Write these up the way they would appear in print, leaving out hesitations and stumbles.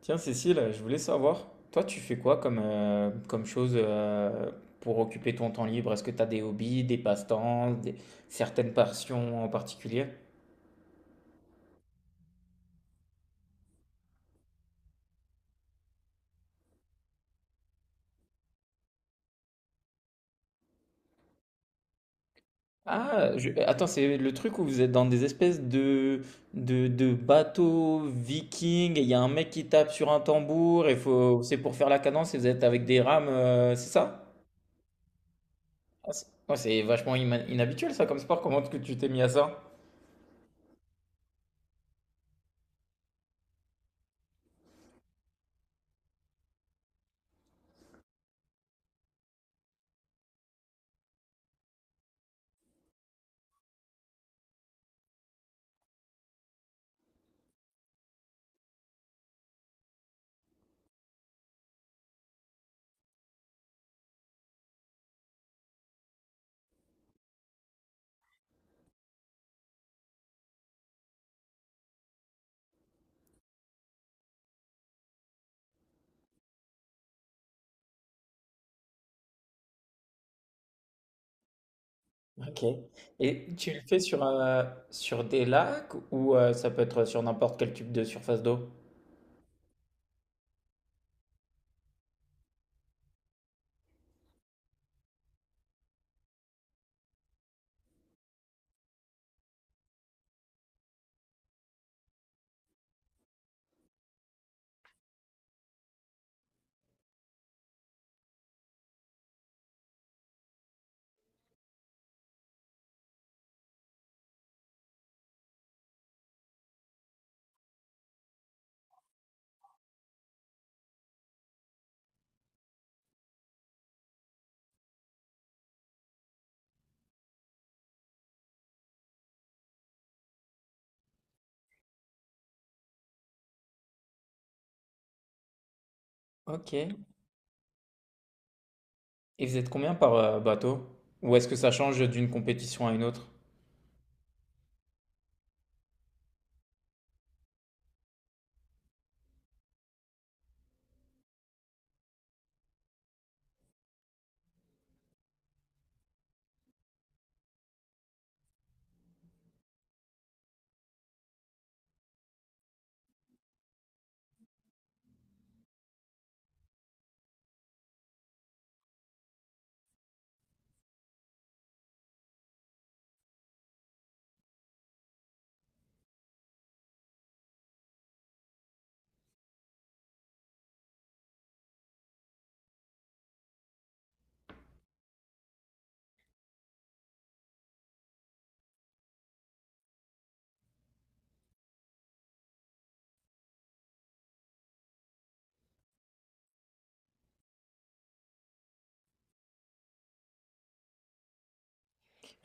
Tiens, Cécile, je voulais savoir, toi, tu fais quoi comme, comme chose pour occuper ton temps libre? Est-ce que tu as des hobbies, des passe-temps, certaines passions en particulier? Ah, attends, c'est le truc où vous êtes dans des espèces de bateaux vikings, et il y a un mec qui tape sur un tambour, et faut, c'est pour faire la cadence, et vous êtes avec des rames, c'est ça? Ah, c'est ouais, c'est vachement inhabituel ça comme sport, comment est-ce que tu t'es mis à ça? Ok. Et tu le fais sur, sur des lacs ou ça peut être sur n'importe quel type de surface d'eau? Ok. Et vous êtes combien par bateau? Ou est-ce que ça change d'une compétition à une autre?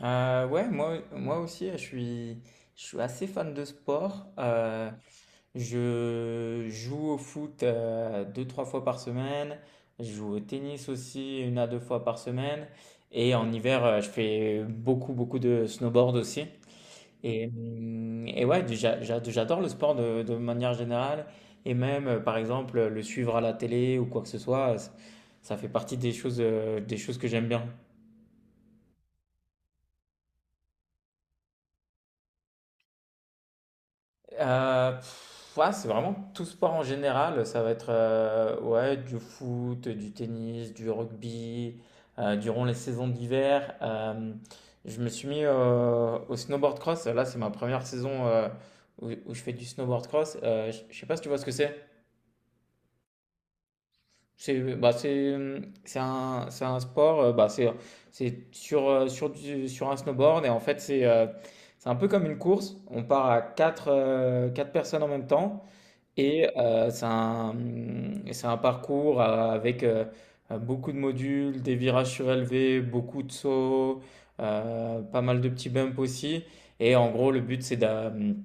Ouais, moi aussi, je suis assez fan de sport. Je joue au foot deux, trois fois par semaine. Je joue au tennis aussi une à deux fois par semaine. Et en hiver, je fais beaucoup de snowboard aussi. Et ouais, j'adore le sport de manière générale. Et même, par exemple, le suivre à la télé ou quoi que ce soit, ça fait partie des des choses que j'aime bien. Ouais, c'est vraiment tout sport en général. Ça va être ouais, du foot, du tennis, du rugby. Durant les saisons d'hiver, je me suis mis au snowboard cross. Là, c'est ma première saison où je fais du snowboard cross. Je sais pas si tu vois ce que c'est. C'est c'est c'est un sport, c'est sur, sur du sur un snowboard et en fait, c'est un peu comme une course. On part à 4 4 personnes en même temps et c'est un, c'est un parcours, avec, beaucoup de modules, des virages surélevés, beaucoup de sauts, pas mal de petits bumps aussi et en gros, le but,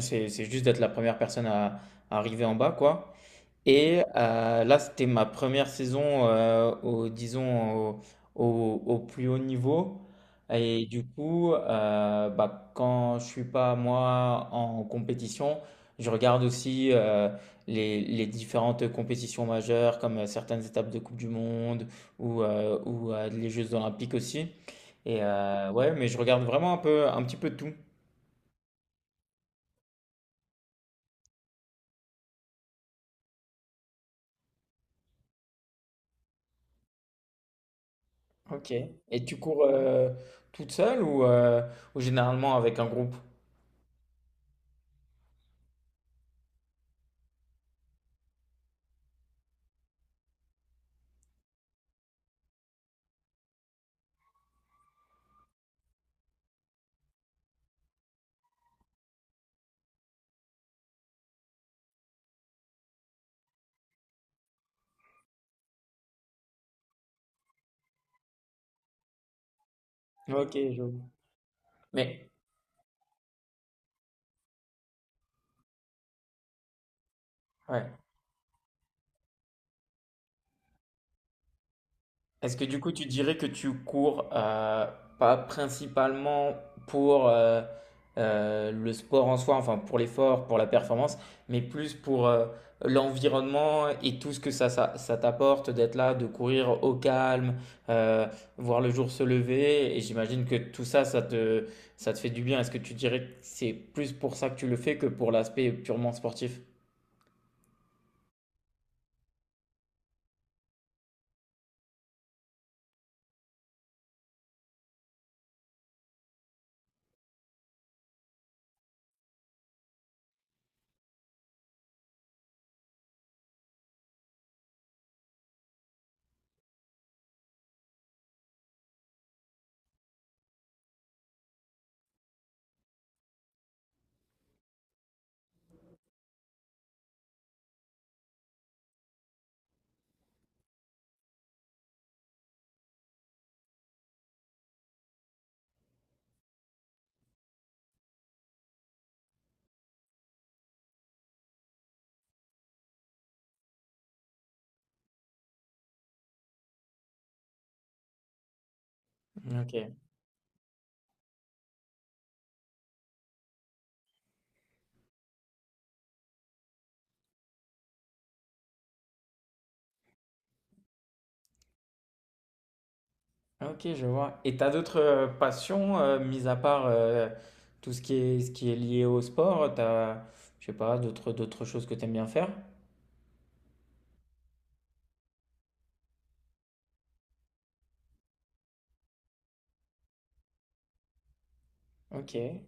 c'est juste d'être la première personne à arriver en bas, quoi et là, c'était ma première saison, au, disons, au plus haut niveau. Et du coup, quand je suis pas moi en compétition, je regarde aussi les différentes compétitions majeures, comme certaines étapes de Coupe du Monde ou les Jeux Olympiques aussi. Et ouais, mais je regarde vraiment un petit peu tout. Ok. Et tu cours toute seule ou généralement avec un groupe? Ok, je vois. Mais ouais. Est-ce que du coup tu dirais que tu cours pas principalement pour le sport en soi, enfin pour l'effort, pour la performance, mais plus pour l'environnement et tout ce que ça t'apporte d'être là, de courir au calme, euh, voir le jour se lever, et j'imagine que tout ça, ça te fait du bien. Est-ce que tu dirais que c'est plus pour ça que tu le fais que pour l'aspect purement sportif? Ok. Ah, ok, je vois. Et t'as d'autres passions, mis à part tout ce qui ce qui est lié au sport, t'as, je sais pas, d'autres, d'autres choses que t'aimes bien faire? Ok,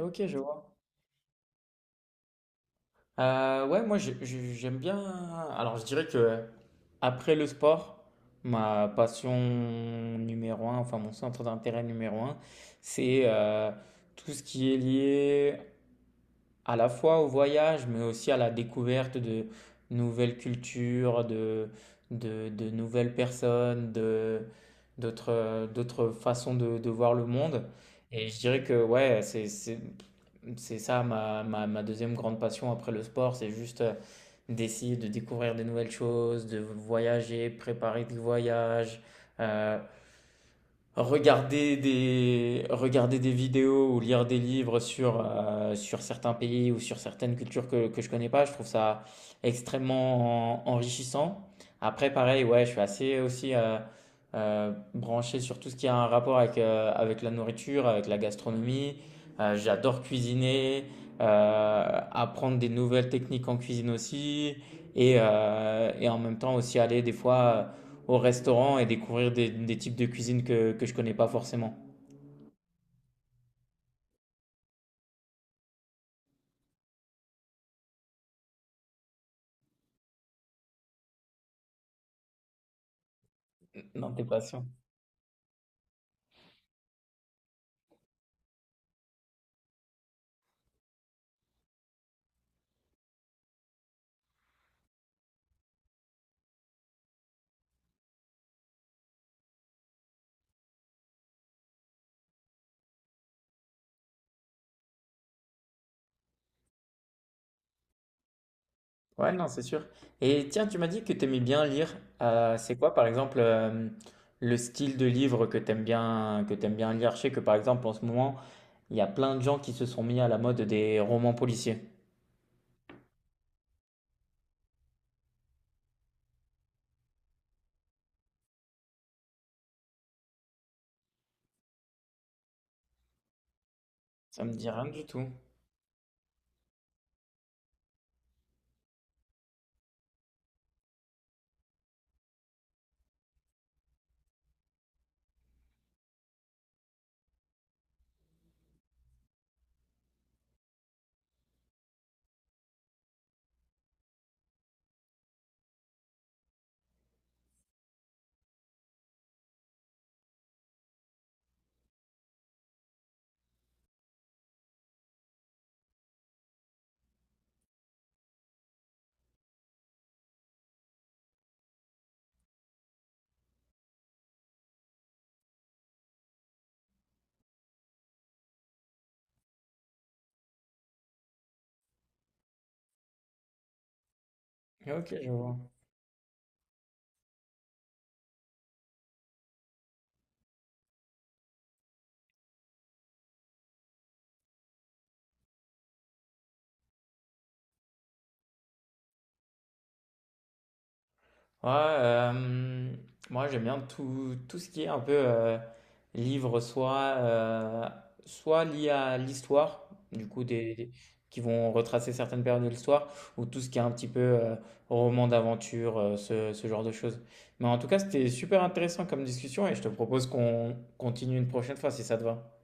ok, je vois. Ouais, moi, j'aime bien. Alors je dirais que après le sport, ma passion numéro un, enfin mon centre d'intérêt numéro un, c'est tout ce qui est lié à la fois au voyage, mais aussi à la découverte de nouvelles cultures, de, de nouvelles personnes, de, d'autres façons de voir le monde. Et je dirais que ouais, c'est ça ma deuxième grande passion après le sport, c'est juste d'essayer de découvrir des nouvelles choses, de voyager, préparer des voyages, euh, regarder regarder des vidéos ou lire des livres sur, sur certains pays ou sur certaines cultures que je connais pas, je trouve ça extrêmement enrichissant. Après, pareil, ouais, je suis assez aussi branché sur tout ce qui a un rapport avec, avec la nourriture, avec la gastronomie. J'adore cuisiner, apprendre des nouvelles techniques en cuisine aussi, et en même temps aussi aller des fois au restaurant et découvrir des types de cuisine que je connais pas forcément. Non, t'es patient. Ouais, non, c'est sûr. Et tiens, tu m'as dit que t'aimais bien lire. C'est quoi, par exemple, le style de livre que t'aimes bien lire? Je sais que, par exemple, en ce moment, il y a plein de gens qui se sont mis à la mode des romans policiers. Ça me dit rien du tout. Ok, je vois. Ouais, euh, moi j'aime bien tout, tout ce qui est un peu livre, soit lié à l'histoire, du coup, qui vont retracer certaines périodes de l'histoire, ou tout ce qui est un petit peu roman d'aventure, ce genre de choses. Mais en tout cas, c'était super intéressant comme discussion et je te propose qu'on continue une prochaine fois si ça te va.